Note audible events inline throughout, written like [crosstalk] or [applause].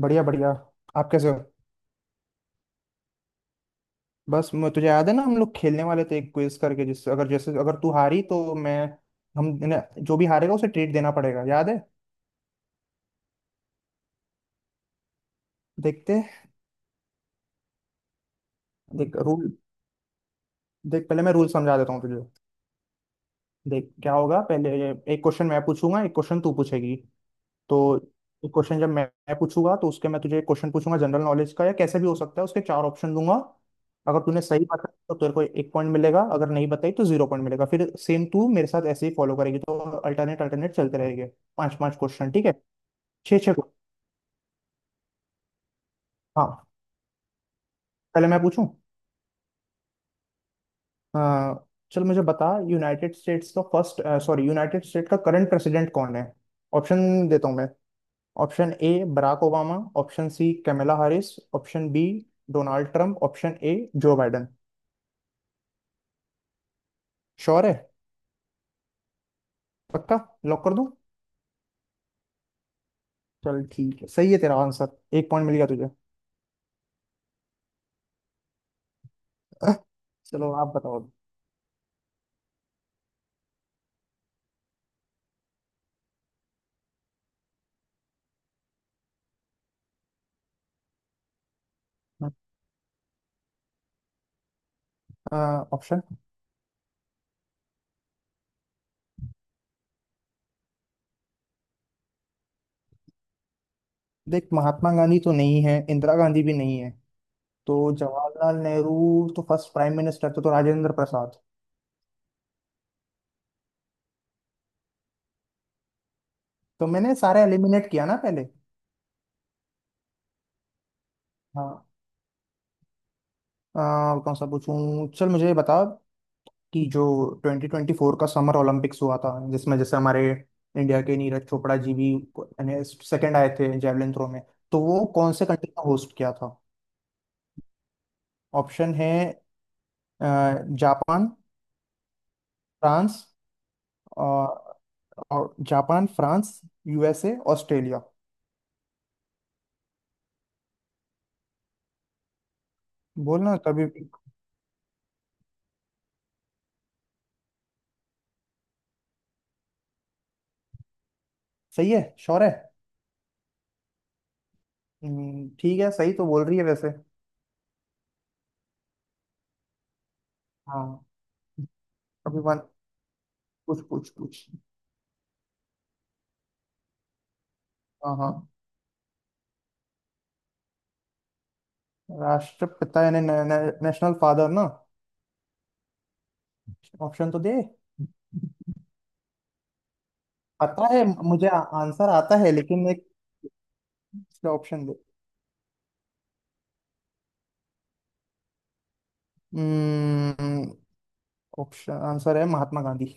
बढ़िया बढ़िया। आप कैसे हो? बस, मैं तुझे याद है ना, हम लोग खेलने वाले थे एक क्विज करके, जिससे अगर जैसे अगर तू हारी तो मैं, हम न- जो भी हारेगा उसे ट्रीट देना पड़ेगा, याद है? देखते। देख रूल, देख, पहले मैं रूल समझा देता हूँ तुझे। देख क्या होगा पहले। एक क्वेश्चन मैं पूछूंगा, एक क्वेश्चन तू पूछेगी। तो क्वेश्चन जब मैं पूछूंगा, तो उसके मैं तुझे क्वेश्चन पूछूंगा जनरल नॉलेज का, या कैसे भी हो सकता है, उसके चार ऑप्शन दूंगा। अगर तूने सही बताया तो तेरे को एक पॉइंट मिलेगा, अगर नहीं बताई तो जीरो पॉइंट मिलेगा। फिर सेम तू मेरे साथ ऐसे ही फॉलो करेगी, तो अल्टरनेट अल्टरनेट चलते रहेंगे। पांच पांच क्वेश्चन, ठीक है? छः छः को- हाँ। पहले मैं पूछूं? अ, चल, मुझे बता, यूनाइटेड स्टेट्स का फर्स्ट, सॉरी, यूनाइटेड स्टेट का करंट प्रेसिडेंट कौन है? ऑप्शन देता हूँ मैं। Option A Barack Obama, option C Kamala Harris, option B Donald Trump, option A Joe Biden. Sure है? पक्का? लॉक कर दूं? चल ठीक है, सही है तेरा आंसर, एक पॉइंट मिल गया तुझे। [laughs] चलो, आप बताओ। ऑप्शन। देख, महात्मा गांधी तो नहीं है, इंदिरा गांधी भी नहीं है। तो जवाहरलाल नेहरू तो फर्स्ट प्राइम मिनिस्टर थे, तो राजेंद्र प्रसाद। तो मैंने सारे एलिमिनेट किया ना पहले। हाँ। अ, कौन सा पूछूं, चल मुझे ये बता कि जो 2024 का समर ओलंपिक्स हुआ था, जिसमें जैसे हमारे इंडिया के नीरज चोपड़ा जी भी सेकंड आए थे जेवलिन थ्रो में, तो वो कौन से कंट्री का होस्ट किया था? ऑप्शन है। अ, जापान, फ्रांस। और, और जापान, फ्रांस, यूएसए, ऑस्ट्रेलिया। बोलना कभी। सही है? श्योर है? ठीक है, सही तो बोल रही है वैसे। हाँ। अभी वन। कुछ कुछ कुछ। हाँ हाँ। राष्ट्रपिता यानी नेशनल फादर ना? ऑप्शन तो दे। पता है मुझे, आंसर आता है, लेकिन एक ऑप्शन दे। ऑप्शन। आंसर है महात्मा गांधी।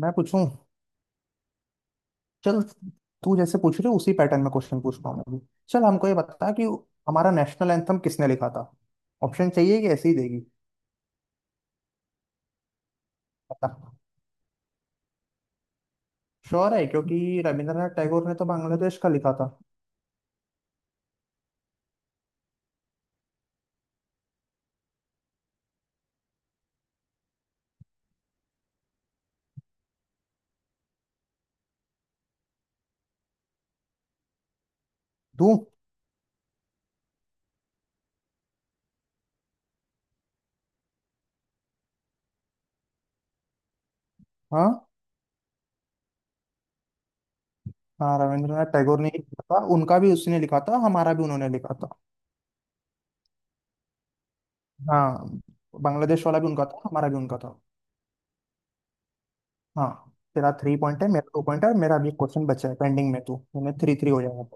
मैं पूछूं? चल, तू जैसे पूछ रही हो उसी पैटर्न में क्वेश्चन पूछता हूँ मैं भी। चल, हमको ये बता कि हमारा नेशनल एंथम किसने लिखा था। ऑप्शन चाहिए कि ऐसे ही देगी? पता। श्योर है? क्योंकि रविंद्रनाथ टैगोर ने तो बांग्लादेश का लिखा था। दूं? हाँ हाँ, रविंद्रनाथ टैगोर ने ही लिखा था, उनका भी उसने लिखा था, हमारा भी उन्होंने लिखा था। हाँ, बांग्लादेश वाला भी उनका था, हमारा भी उनका था। हाँ, तेरा थ्री पॉइंट है, मेरा टू पॉइंट है, और मेरा अभी क्वेश्चन बचा है पेंडिंग में, तू, मैंने थ्री थ्री हो जाएगा।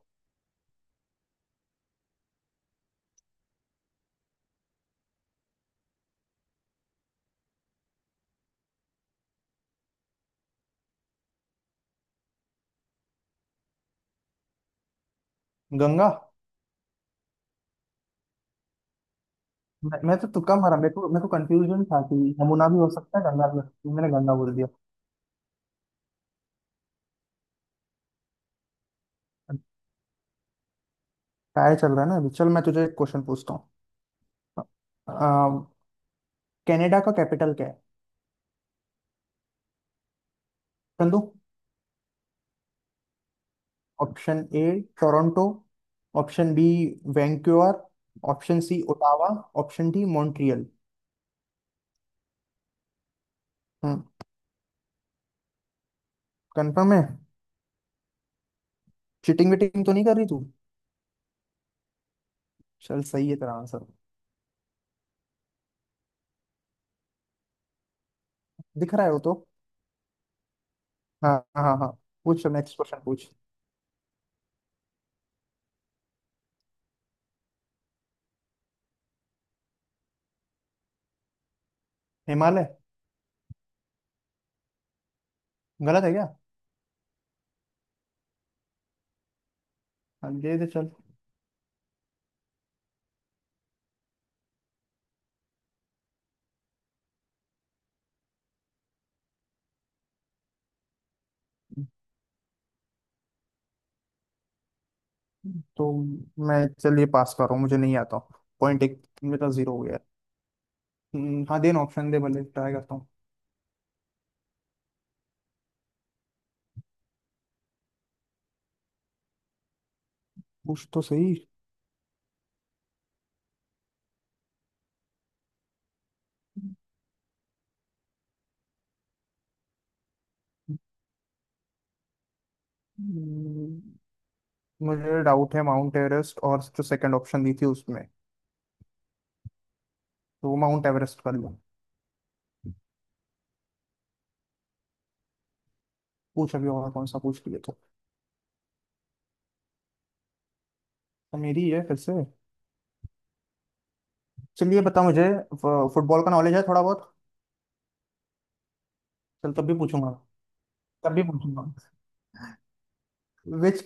गंगा। मैं तो तुक्का मारा, मेरे को कंफ्यूजन था कि यमुना भी हो सकता है, गंगा भी हो सकती है, मैंने गंगा बोल दिया। टाई चल रहा है ना अभी, चल मैं तुझे एक क्वेश्चन पूछता हूँ। अ, कनाडा का कैपिटल क्या है? ऑप्शन दो। Option A Toronto, option B Vancouver, option C Ottawa, option D Montreal. हम्म। कंफर्म है? चीटिंग वीटिंग तो नहीं कर रही तू? चल सही है तेरा आंसर। दिख रहा है वो तो। हाँ हाँ हाँ। पूछ, नेक्स्ट क्वेश्चन पूछ। हिमालय। गलत है क्या? हाँ, ये दे चल। तो मैं चलिए पास कर रहा हूँ, मुझे नहीं आता। पॉइंट एक मेरा जीरो हो गया है। हाँ देना, ऑप्शन दे भले, ट्राई करता हूँ। पूछ तो सही। हम्म, मुझे डाउट है माउंट एवरेस्ट और जो सेकंड ऑप्शन दी थी उसमें। तो माउंट एवरेस्ट कर लो। पूछ अभी और, कौन सा पूछ लिए तो। तो मेरी है फिर से। चलिए, बता मुझे, फुटबॉल का नॉलेज है थोड़ा बहुत? चल तब भी पूछूंगा, तब भी पूछूंगा। Which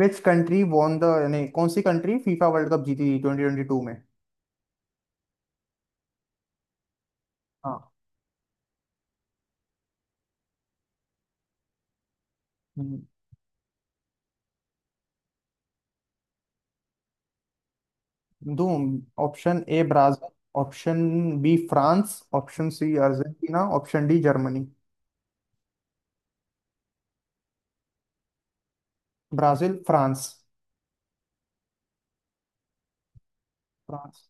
which country won the, यानी कौन सी कंट्री फीफा वर्ल्ड कप जीती थी 2022 में? हाँ। दो। Option A Brazil, option B France, option C Argentina, option D Germany. Brazil, France. France.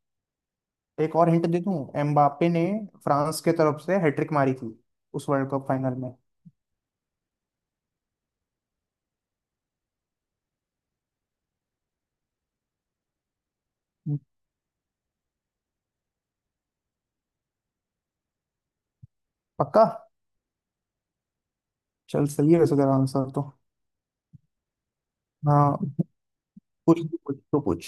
एक और हिंट दे दूं, एम्बापे ने फ्रांस के तरफ से हैट्रिक मारी थी उस वर्ल्ड कप फाइनल में। पक्का? चल सही है वैसे तेरा आंसर तो। हाँ। पूछ, तू पूछ तो पूछ।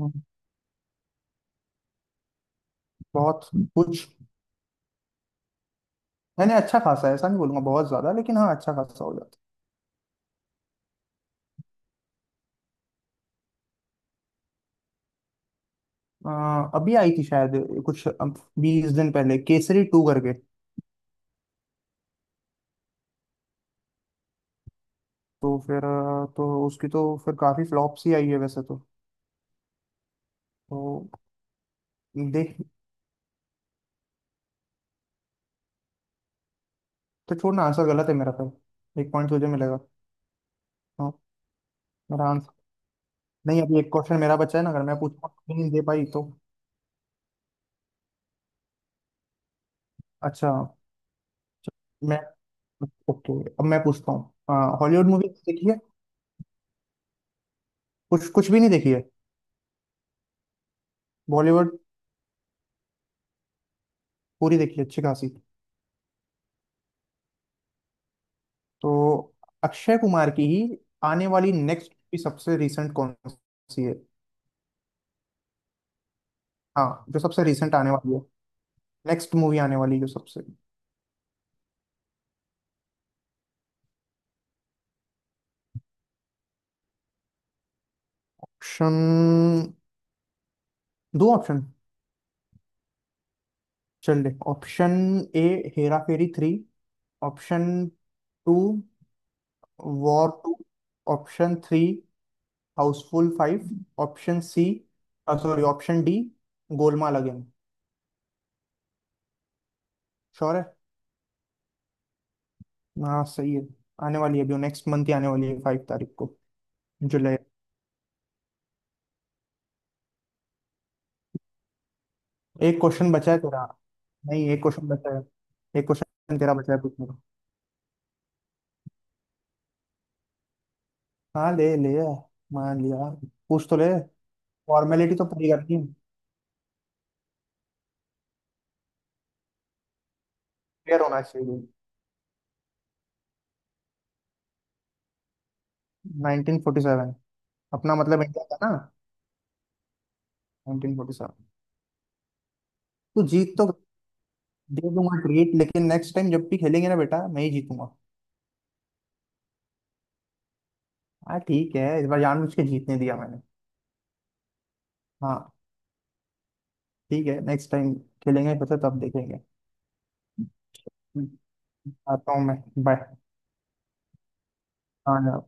हम्म, बहुत। पूछ। नहीं नहीं, अच्छा खासा है, ऐसा नहीं बोलूंगा बहुत ज्यादा, लेकिन हाँ अच्छा खासा हो जाता है। अभी आई थी शायद कुछ 20 दिन पहले, केसरी टू करके। तो फिर तो उसकी तो फिर काफी फ्लॉप सी आई है वैसे तो। तो देख। तो छोड़ना, आंसर गलत है मेरा, फिर एक पॉइंट तुझे मिलेगा। हाँ। मेरा आंसर। नहीं, अभी एक क्वेश्चन मेरा बचा है ना, अगर मैं पूछूंगा तो नहीं दे पाई तो। अच्छा, चल, मैं ओके, अब मैं पूछता हूँ, हॉलीवुड मूवी देखी है? कुछ, कुछ भी नहीं देखी है? बॉलीवुड पूरी देखी है अच्छी खासी। तो अक्षय कुमार की ही आने वाली नेक्स्ट भी सबसे रिसेंट कौन सी है? हाँ, जो सबसे रिसेंट आने वाली है, नेक्स्ट मूवी आने वाली जो सबसे। ऑप्शन दो। ऑप्शन। चल ले option. A Hera Pheri three, option two War two, option three Housefull five, option C, sorry, option D Golmaal again. Sure है? हाँ सही है, आने वाली है, अभी नेक्स्ट मंथ ही आने वाली है, 5 तारीख को, जुलाई। एक क्वेश्चन बचा है तेरा। नहीं, एक क्वेश्चन बचा है। एक क्वेश्चन तेरा बचा है पूछने को। हाँ, ले लिया, मान लिया। पूछ तो ले। फॉर्मेलिटी तो पूरी करनी है, क्लियर होना चाहिए। 1947। अपना मतलब इंडिया था ना, 1947। तू जीत तो दे दूंगा ट्रीट, लेकिन नेक्स्ट टाइम जब भी खेलेंगे ना बेटा, मैं ही जीतूंगा। हाँ ठीक है, इस बार जानबूझ के जीतने दिया मैंने। हाँ ठीक है, नेक्स्ट टाइम खेलेंगे फिर से, तब देखेंगे। हम्म, आता हूँ मैं। बाय। हाँ, बाय।